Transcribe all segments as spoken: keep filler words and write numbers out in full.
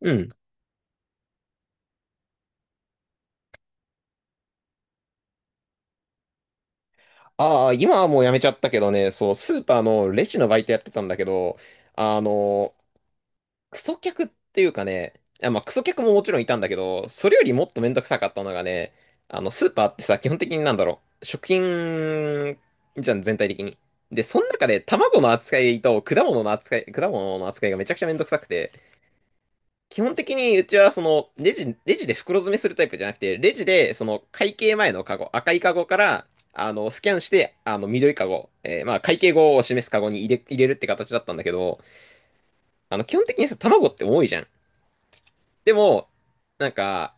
うん。ああ、今はもうやめちゃったけどね。そう、スーパーのレジのバイトやってたんだけど、あの、クソ客っていうかね、あまあ、クソ客ももちろんいたんだけど、それよりもっとめんどくさかったのがね、あの、スーパーってさ、基本的になんだろう、食品じゃん、全体的に。で、その中で卵の扱いと果物の扱い、果物の扱いがめちゃくちゃめんどくさくて、基本的にうちはそのレジ、レジで袋詰めするタイプじゃなくて、レジでその会計前のカゴ、赤いカゴからあのスキャンして、あの緑カゴ、えーまあ会計後を示すカゴに入れ、入れるって形だったんだけど、あの基本的にさ、卵って重いじゃん。でも、なんか、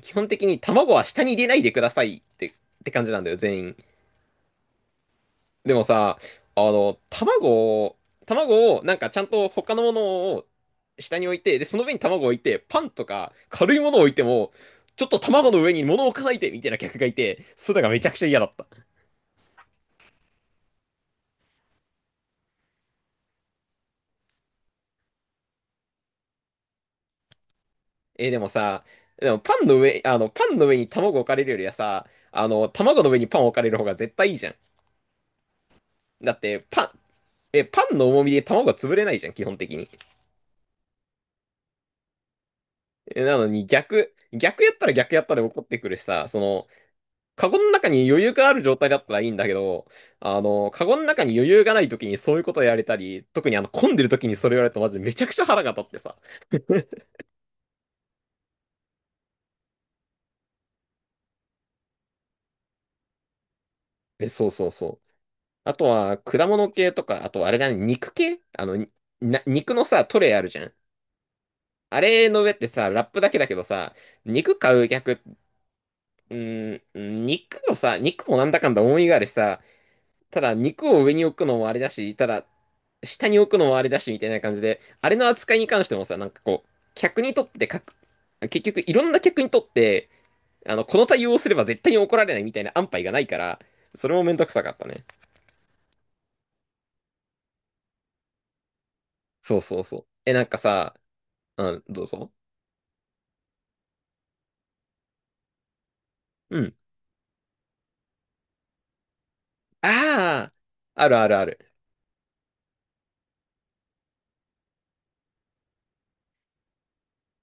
基本的に卵は下に入れないでくださいって、って感じなんだよ、全員。でもさ、あの、卵を、卵を、なんかちゃんと他のものを下に置いて、で、その上に卵を置いて、パンとか軽いものを置いても、ちょっと卵の上に物を置かないで、みたいな客がいて、それがめちゃくちゃ嫌だった。えーでもさ、でもパンの上、あの、パンの上に卵置かれるよりはさ、あの、卵の上にパン置かれる方が絶対いいじゃん。だって、パン、え、パンの重みで卵が潰れないじゃん、基本的に。えなのに逆、逆やったら逆やったで怒ってくるしさ。その、カゴの中に余裕がある状態だったらいいんだけど、あの、カゴの中に余裕がない時にそういうことをやられたり、特にあの、混んでる時にそれをやられるとマジでめちゃくちゃ腹が立ってさ。え、そうそうそう。あとは、果物系とか、あとあれだね、肉系あの、にな、肉のさ、トレイあるじゃん。あれの上ってさ、ラップだけだけどさ、肉買う客、うーん、肉もさ、肉もなんだかんだ思いがあるしさ、ただ肉を上に置くのもあれだし、ただ下に置くのもあれだし、みたいな感じで、あれの扱いに関してもさ、なんかこう、客にとってかく、結局いろんな客にとって、あの、この対応をすれば絶対に怒られないみたいな安牌がないから、それもめんどくさかったね。そうそうそう。え、なんかさ。うん、どうぞ。うん。ああ、あるあるある。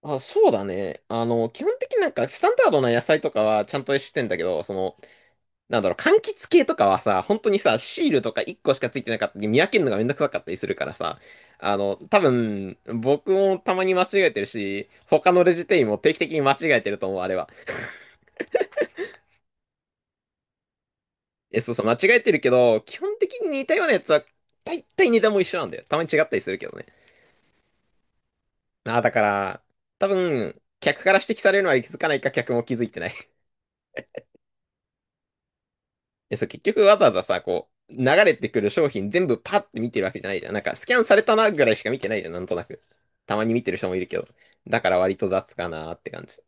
あ、そうだね。あの、基本的になんかスタンダードな野菜とかはちゃんとしてんだけど、その、なんだろう、柑橘系とかはさ、本当にさ、シールとかいっこしかついてなかったり、見分けるのがめんどくさかったりするからさ、あの、多分、僕もたまに間違えてるし、他のレジ店員も定期的に間違えてると思う、あれは。え、そうそう、間違えてるけど、基本的に似たようなやつは、大体値段も一緒なんだよ。たまに違ったりするけどね。ああ、だから、多分、客から指摘されるのは気づかないか、客も気づいてない。え、そう、結局わざわざさ、こう、流れてくる商品全部パッて見てるわけじゃないじゃん。なんか、スキャンされたなぐらいしか見てないじゃん、なんとなく。たまに見てる人もいるけど。だから割と雑かなーって感じ。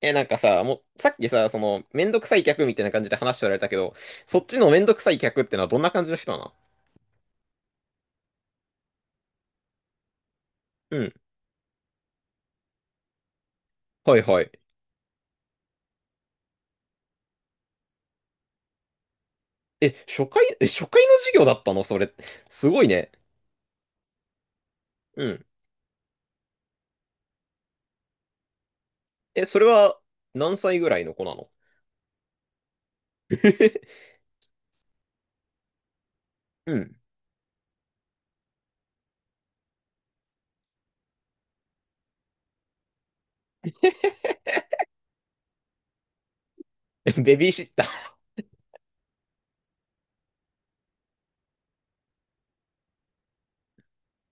え、なんかさ、もう、さっきさ、その、めんどくさい客みたいな感じで話しておられたけど、そっちのめんどくさい客ってのはどんな感じの人なの？うん。はいはい。え、初回、え、初回の授業だったのそれ？すごいね。うん。え、それは、何歳ぐらいの子なの？ うん。ベビーシッター。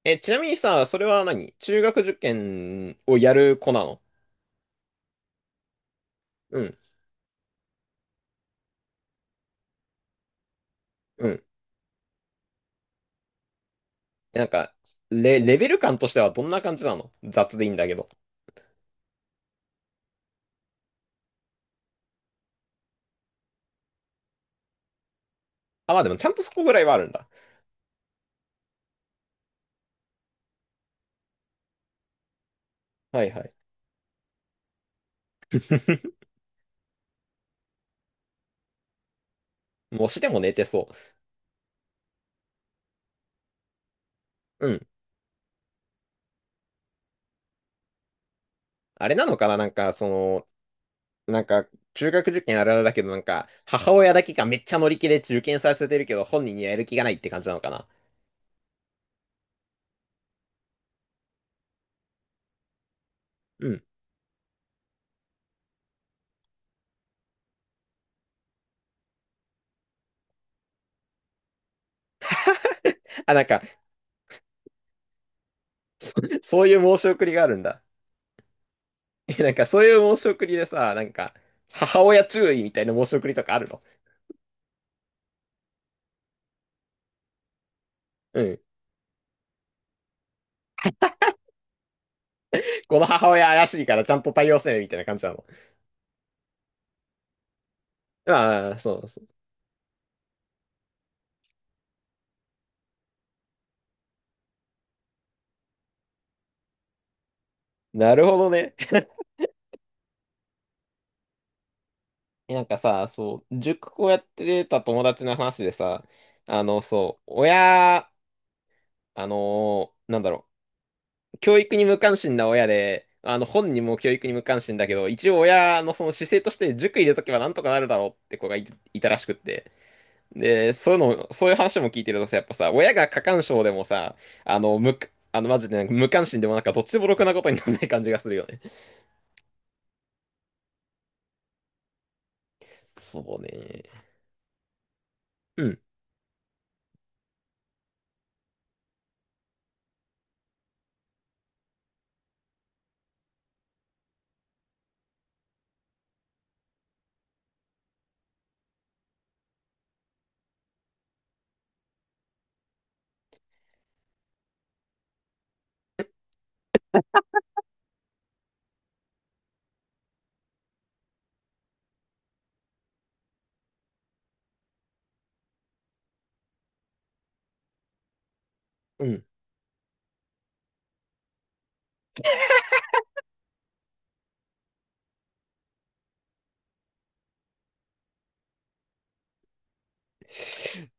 え、ちなみにさ、それは何中学受験をやる子なの？うん、うん。なんか、レ、レベル感としてはどんな感じなの？雑でいいんだけど。あ、まあでもちゃんとそこぐらいはあるんだ。はいはい。模試でも寝てそう。うん。あれなのかななんか、その、なんか、中学受験あるあるだけど、なんか、母親だけがめっちゃ乗り気で受験させてるけど、本人にはやる気がないって感じなのかな？うん。あ、なんか、そういう申し送りがあるんだ。え、なんかそういう申し送りでさ、なんか、母親注意みたいな申し送りとかあるの？うん。この母親怪しいからちゃんと対応せねみたいな感じなの？ああ、そうそう。なるほどね。え、なんかさ、そう、塾こうやってた友達の話でさ、あの、そう、親、あのーなんだろう、教育に無関心な親で、あの、本人も教育に無関心だけど、一応親のその姿勢として塾入れとけばなんとかなるだろうって子がい、いたらしくって。で、そういうの、そういう話も聞いてるとさ、やっぱさ、親が過干渉でもさ、あの、無、あの、マジで無関心でもなんかどっちでもろくなことにならない感じがするよね。そうね。うん、うん。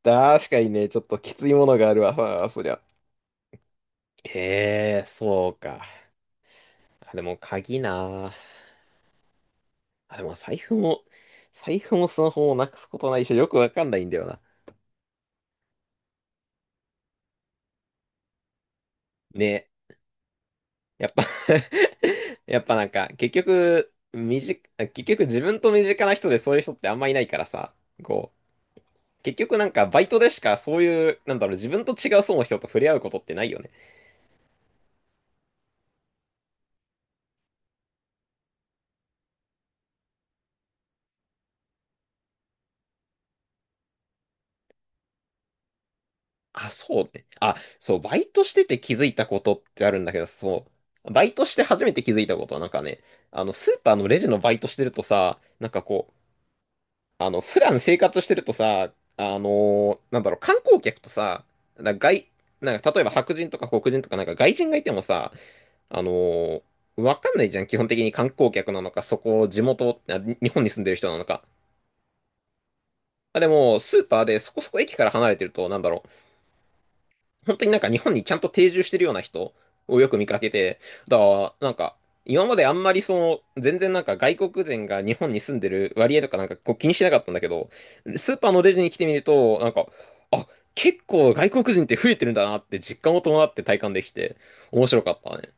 確かにね、ちょっときついものがあるわ、あそりゃ。ええそうか。あ、でも鍵なあ。あ、でも財布も、財布もスマホもなくすことないし、よくわかんないんだよな。ね、やっぱ やっぱなんか、結局、身近、結局自分と身近な人でそういう人ってあんまいないからさ、こう、結局なんかバイトでしかそういう、なんだろう、自分と違う層の人と触れ合うことってないよね。あ、そうね。あ、そう、バイトしてて気づいたことってあるんだけど、そう、バイトして初めて気づいたことはなんかね、あの、スーパーのレジのバイトしてるとさ、なんかこう、あの、普段生活してるとさ、あのなんだろう、観光客とさ、なんか外、なんか例えば白人とか黒人とかなんか外人がいてもさ、あのわかんないじゃん、基本的に観光客なのか、そこ、地元、あ日本に住んでる人なのか。あ、でも、スーパーでそこそこ駅から離れてると、なんだろ、本当になんか日本にちゃんと定住してるような人をよく見かけて、だから、なんか、今まであんまりその、全然なんか外国人が日本に住んでる割合とかなんかこう気にしなかったんだけど、スーパーのレジに来てみると、なんか、あ、結構外国人って増えてるんだなって実感を伴って体感できて、面白かったね。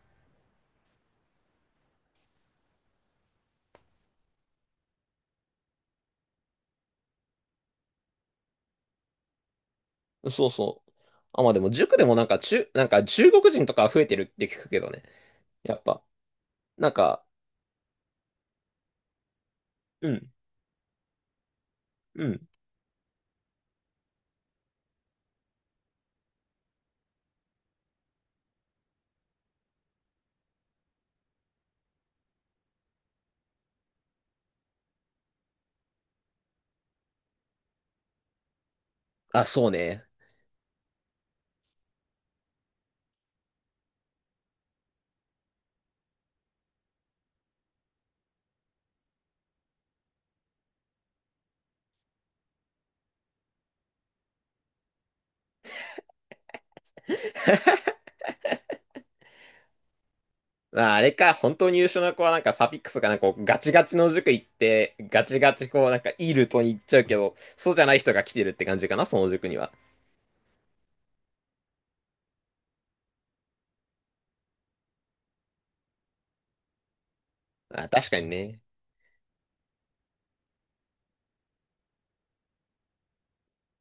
そうそう。あ、まあでも塾でもなんか中、なんか中国人とか増えてるって聞くけどね。やっぱ、なんか、うん、うん。あ、そうね。まああれか、本当に優秀な子はなんかサフィックスかなんかこうガチガチの塾行って、ガチガチこうなんかいいルートに行っちゃうけど、そうじゃない人が来てるって感じかな、その塾には。ああ、確かにね。